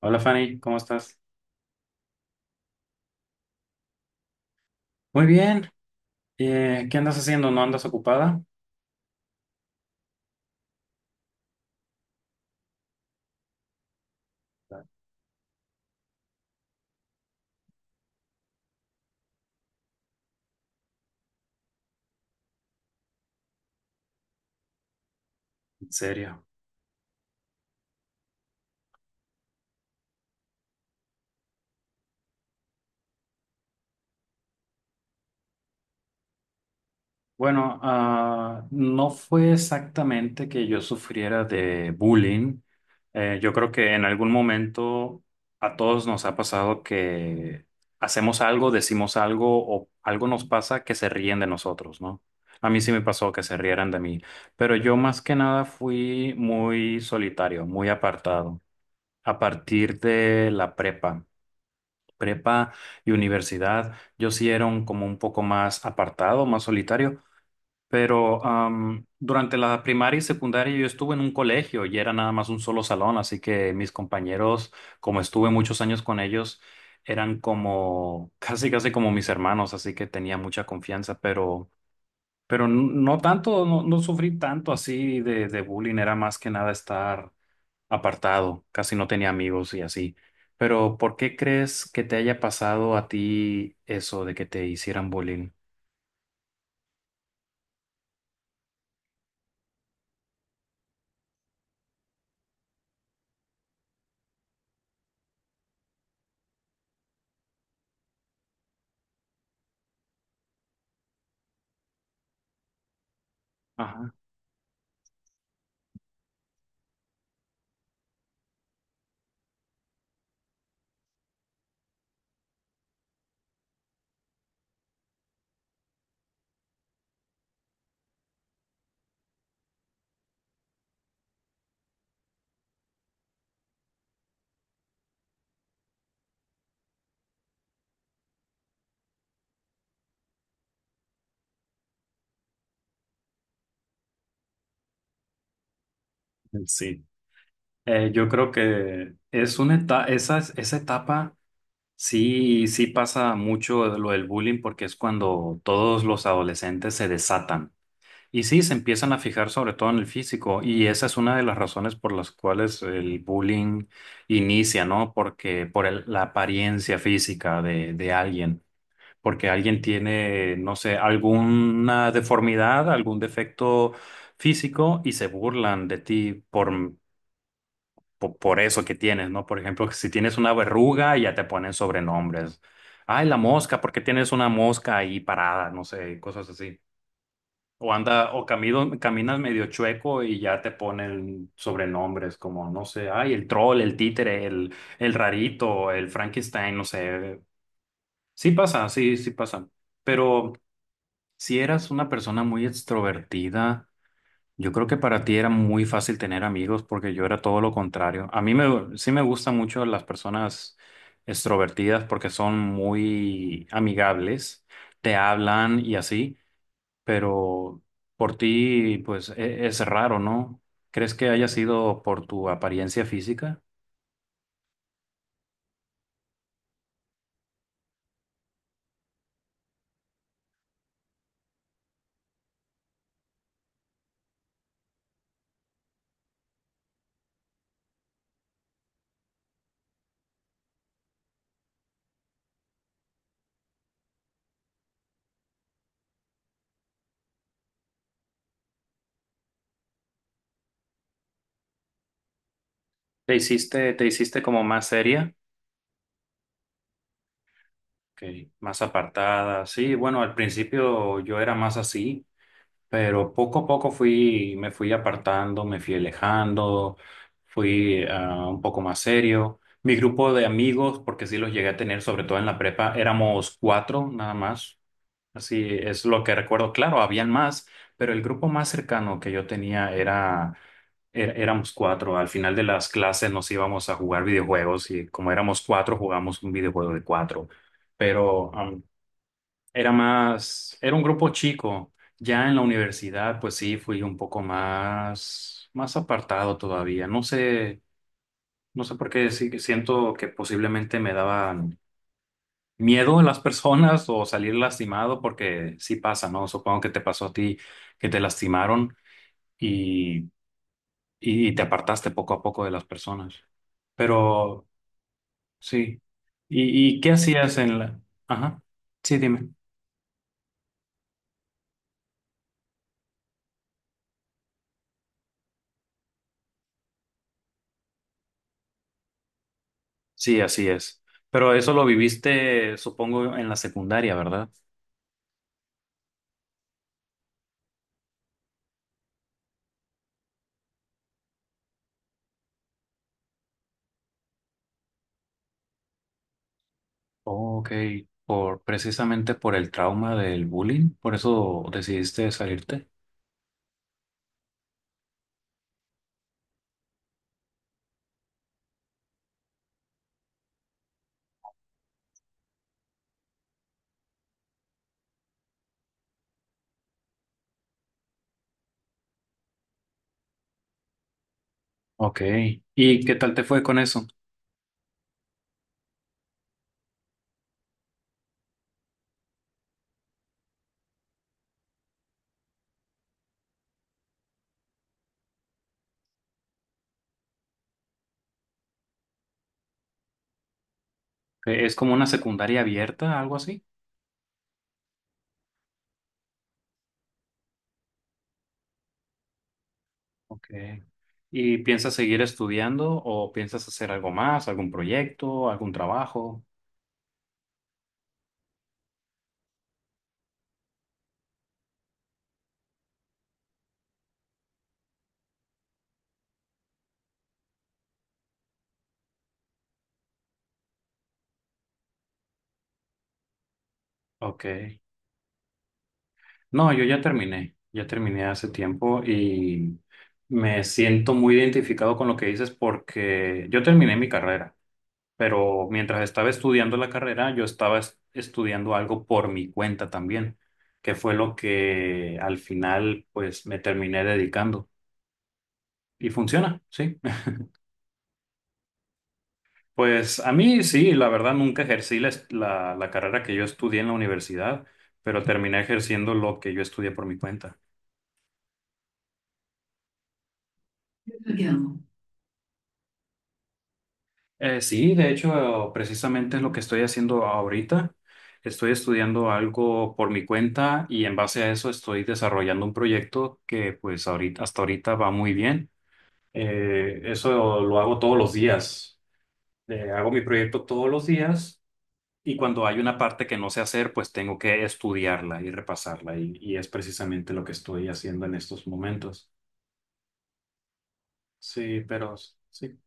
Hola Fanny, ¿cómo estás? Muy bien. ¿Qué andas haciendo? ¿No andas ocupada? En serio. Bueno, no fue exactamente que yo sufriera de bullying. Yo creo que en algún momento a todos nos ha pasado que hacemos algo, decimos algo o algo nos pasa que se ríen de nosotros, ¿no? A mí sí me pasó que se rieran de mí, pero yo más que nada fui muy solitario, muy apartado a partir de la prepa y universidad, yo sí era como un poco más apartado, más solitario, pero durante la primaria y secundaria yo estuve en un colegio y era nada más un solo salón, así que mis compañeros, como estuve muchos años con ellos, eran como casi casi como mis hermanos, así que tenía mucha confianza, pero pero no tanto, no, no sufrí tanto así de bullying, era más que nada estar apartado, casi no tenía amigos y así. Pero ¿por qué crees que te haya pasado a ti eso de que te hicieran bullying? Ajá, sí. Yo creo que es una etapa, esa etapa sí, sí pasa mucho lo del bullying porque es cuando todos los adolescentes se desatan. Y sí, se empiezan a fijar sobre todo en el físico. Y esa es una de las razones por las cuales el bullying inicia, ¿no? Porque por la apariencia física de alguien. Porque alguien tiene, no sé, alguna deformidad, algún defecto físico y se burlan de ti por eso que tienes, ¿no? Por ejemplo, si tienes una verruga, ya te ponen sobrenombres. Ay, la mosca, porque tienes una mosca ahí parada, no sé, cosas así. O anda, o camino, Caminas medio chueco y ya te ponen sobrenombres como, no sé, ay, el troll, el títere, el rarito, el Frankenstein, no sé. Sí pasa, sí, sí pasa. Pero si eras una persona muy extrovertida, yo creo que para ti era muy fácil tener amigos porque yo era todo lo contrario. A sí me gustan mucho las personas extrovertidas porque son muy amigables, te hablan y así, pero por ti pues es raro, ¿no? ¿Crees que haya sido por tu apariencia física? ¿Te hiciste como más seria? Ok, más apartada, sí, bueno, al principio yo era más así. Pero poco a poco me fui apartando, me fui alejando, fui un poco más serio. Mi grupo de amigos, porque sí los llegué a tener, sobre todo en la prepa, éramos cuatro nada más. Así es lo que recuerdo. Claro, habían más, pero el grupo más cercano que yo tenía era, éramos cuatro. Al final de las clases nos íbamos a jugar videojuegos y como éramos cuatro, jugamos un videojuego de cuatro. Pero era más, era un grupo chico. Ya en la universidad, pues sí, fui un poco más, más apartado todavía. No sé, no sé por qué sí que siento que posiblemente me daban miedo a las personas o salir lastimado, porque sí pasa, ¿no? Supongo que te pasó a ti que te lastimaron y, y te apartaste poco a poco de las personas. Pero sí. Y qué hacías en la... Ajá. Sí, dime. Sí, así es. Pero eso lo viviste, supongo, en la secundaria, ¿verdad? Ok, por precisamente por el trauma del bullying, por eso decidiste salirte. Ok, ¿y qué tal te fue con eso? Es como una secundaria abierta, algo así? Ok. ¿Y piensas seguir estudiando o piensas hacer algo más, algún proyecto, algún trabajo? Ok. No, yo ya terminé hace tiempo y me siento muy identificado con lo que dices porque yo terminé mi carrera, pero mientras estaba estudiando la carrera, yo estaba estudiando algo por mi cuenta también, que fue lo que al final pues me terminé dedicando y funciona, sí. Pues a mí sí, la verdad nunca ejercí la carrera que yo estudié en la universidad, pero terminé ejerciendo lo que yo estudié por mi cuenta. Sí, de hecho, precisamente es lo que estoy haciendo ahorita. Estoy estudiando algo por mi cuenta y en base a eso estoy desarrollando un proyecto que pues ahorita, hasta ahorita va muy bien. Eso lo hago todos los días. Hago mi proyecto todos los días y cuando hay una parte que no sé hacer, pues tengo que estudiarla y repasarla y es precisamente lo que estoy haciendo en estos momentos. Sí, pero sí.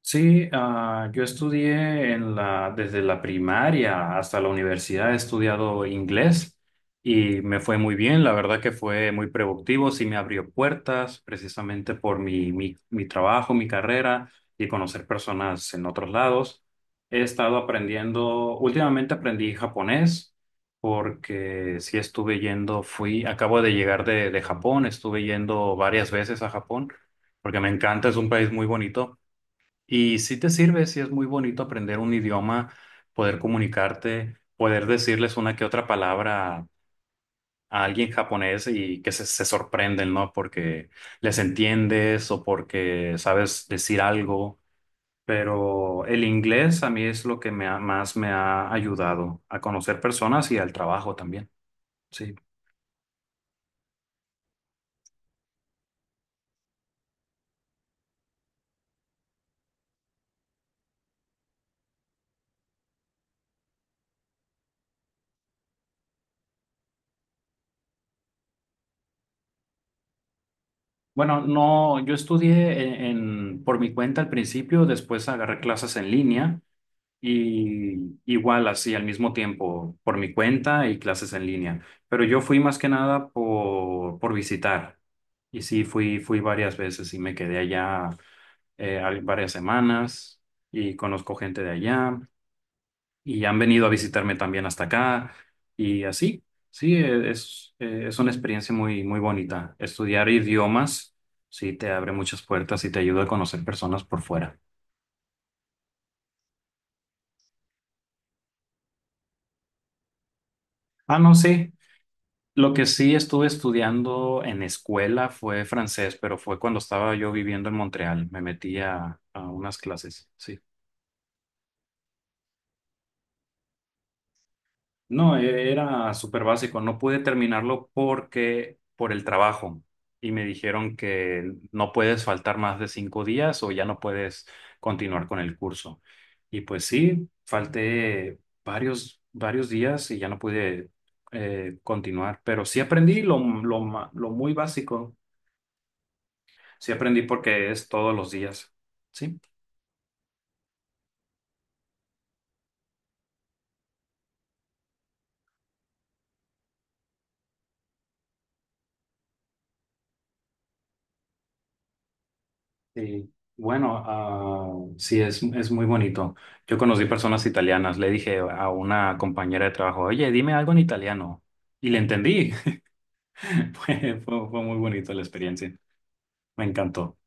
Sí, yo estudié en la, desde la primaria hasta la universidad, he estudiado inglés y me fue muy bien, la verdad que fue muy productivo, sí me abrió puertas precisamente por mi trabajo, mi carrera y conocer personas en otros lados. He estado aprendiendo, últimamente aprendí japonés porque sí estuve yendo, fui, acabo de llegar de Japón, estuve yendo varias veces a Japón porque me encanta, es un país muy bonito. Y si te sirve, si es muy bonito aprender un idioma, poder comunicarte, poder decirles una que otra palabra a alguien japonés y que se sorprenden, ¿no? Porque les entiendes o porque sabes decir algo. Pero el inglés a mí es lo que más me ha ayudado a conocer personas y al trabajo también. Sí. Bueno, no, yo estudié por mi cuenta al principio, después agarré clases en línea. Y igual así al mismo tiempo por mi cuenta y clases en línea. Pero yo fui más que nada por visitar. Y sí, fui, fui varias veces y me quedé allá varias semanas y conozco gente de allá y han venido a visitarme también hasta acá y así. Sí, es una experiencia muy, muy bonita. Estudiar idiomas sí te abre muchas puertas y te ayuda a conocer personas por fuera. Ah, no, sí. Lo que sí estuve estudiando en escuela fue francés, pero fue cuando estaba yo viviendo en Montreal. Me metí a unas clases, sí. No, era súper básico. No pude terminarlo porque por el trabajo. Y me dijeron que no puedes faltar más de cinco días o ya no puedes continuar con el curso. Y pues sí, falté varios, varios días y ya no pude continuar. Pero sí aprendí lo muy básico. Sí aprendí porque es todos los días. Sí. Sí. Bueno, sí, es muy bonito. Yo conocí personas italianas. Le dije a una compañera de trabajo, oye, dime algo en italiano. Y le entendí. Fue muy bonito la experiencia. Me encantó.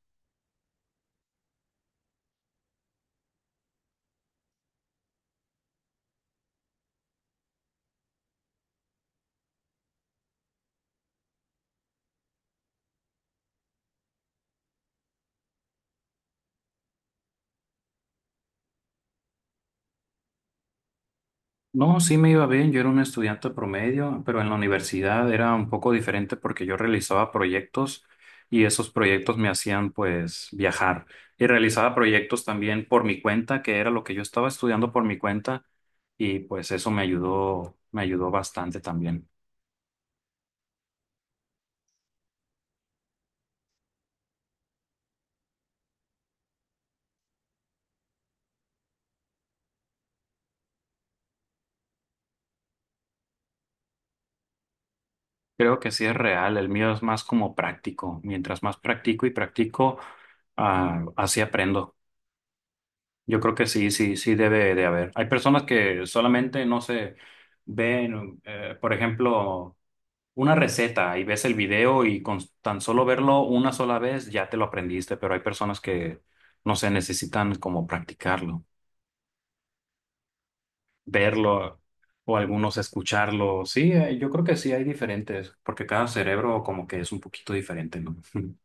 No, sí me iba bien, yo era un estudiante promedio, pero en la universidad era un poco diferente porque yo realizaba proyectos y esos proyectos me hacían pues viajar y realizaba proyectos también por mi cuenta, que era lo que yo estaba estudiando por mi cuenta y pues eso me ayudó bastante también. Creo que sí es real, el mío es más como práctico, mientras más practico y practico, así aprendo. Yo creo que sí, sí, sí debe de haber. Hay personas que solamente, no sé, ven, por ejemplo, una receta y ves el video y con tan solo verlo una sola vez ya te lo aprendiste, pero hay personas que, no sé, necesitan como practicarlo, verlo o algunos escucharlo. Sí, yo creo que sí hay diferentes, porque cada cerebro como que es un poquito diferente, ¿no?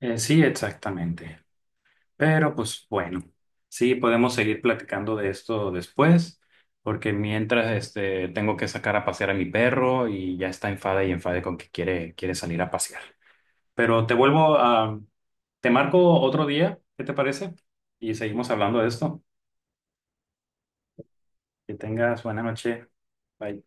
Sí, exactamente. Pero pues bueno, sí, podemos seguir platicando de esto después, porque mientras este, tengo que sacar a pasear a mi perro y ya está enfada y enfade con que quiere, quiere salir a pasear. Pero te vuelvo te marco otro día, ¿qué te parece? Y seguimos hablando de esto. Que tengas buena noche. Bye.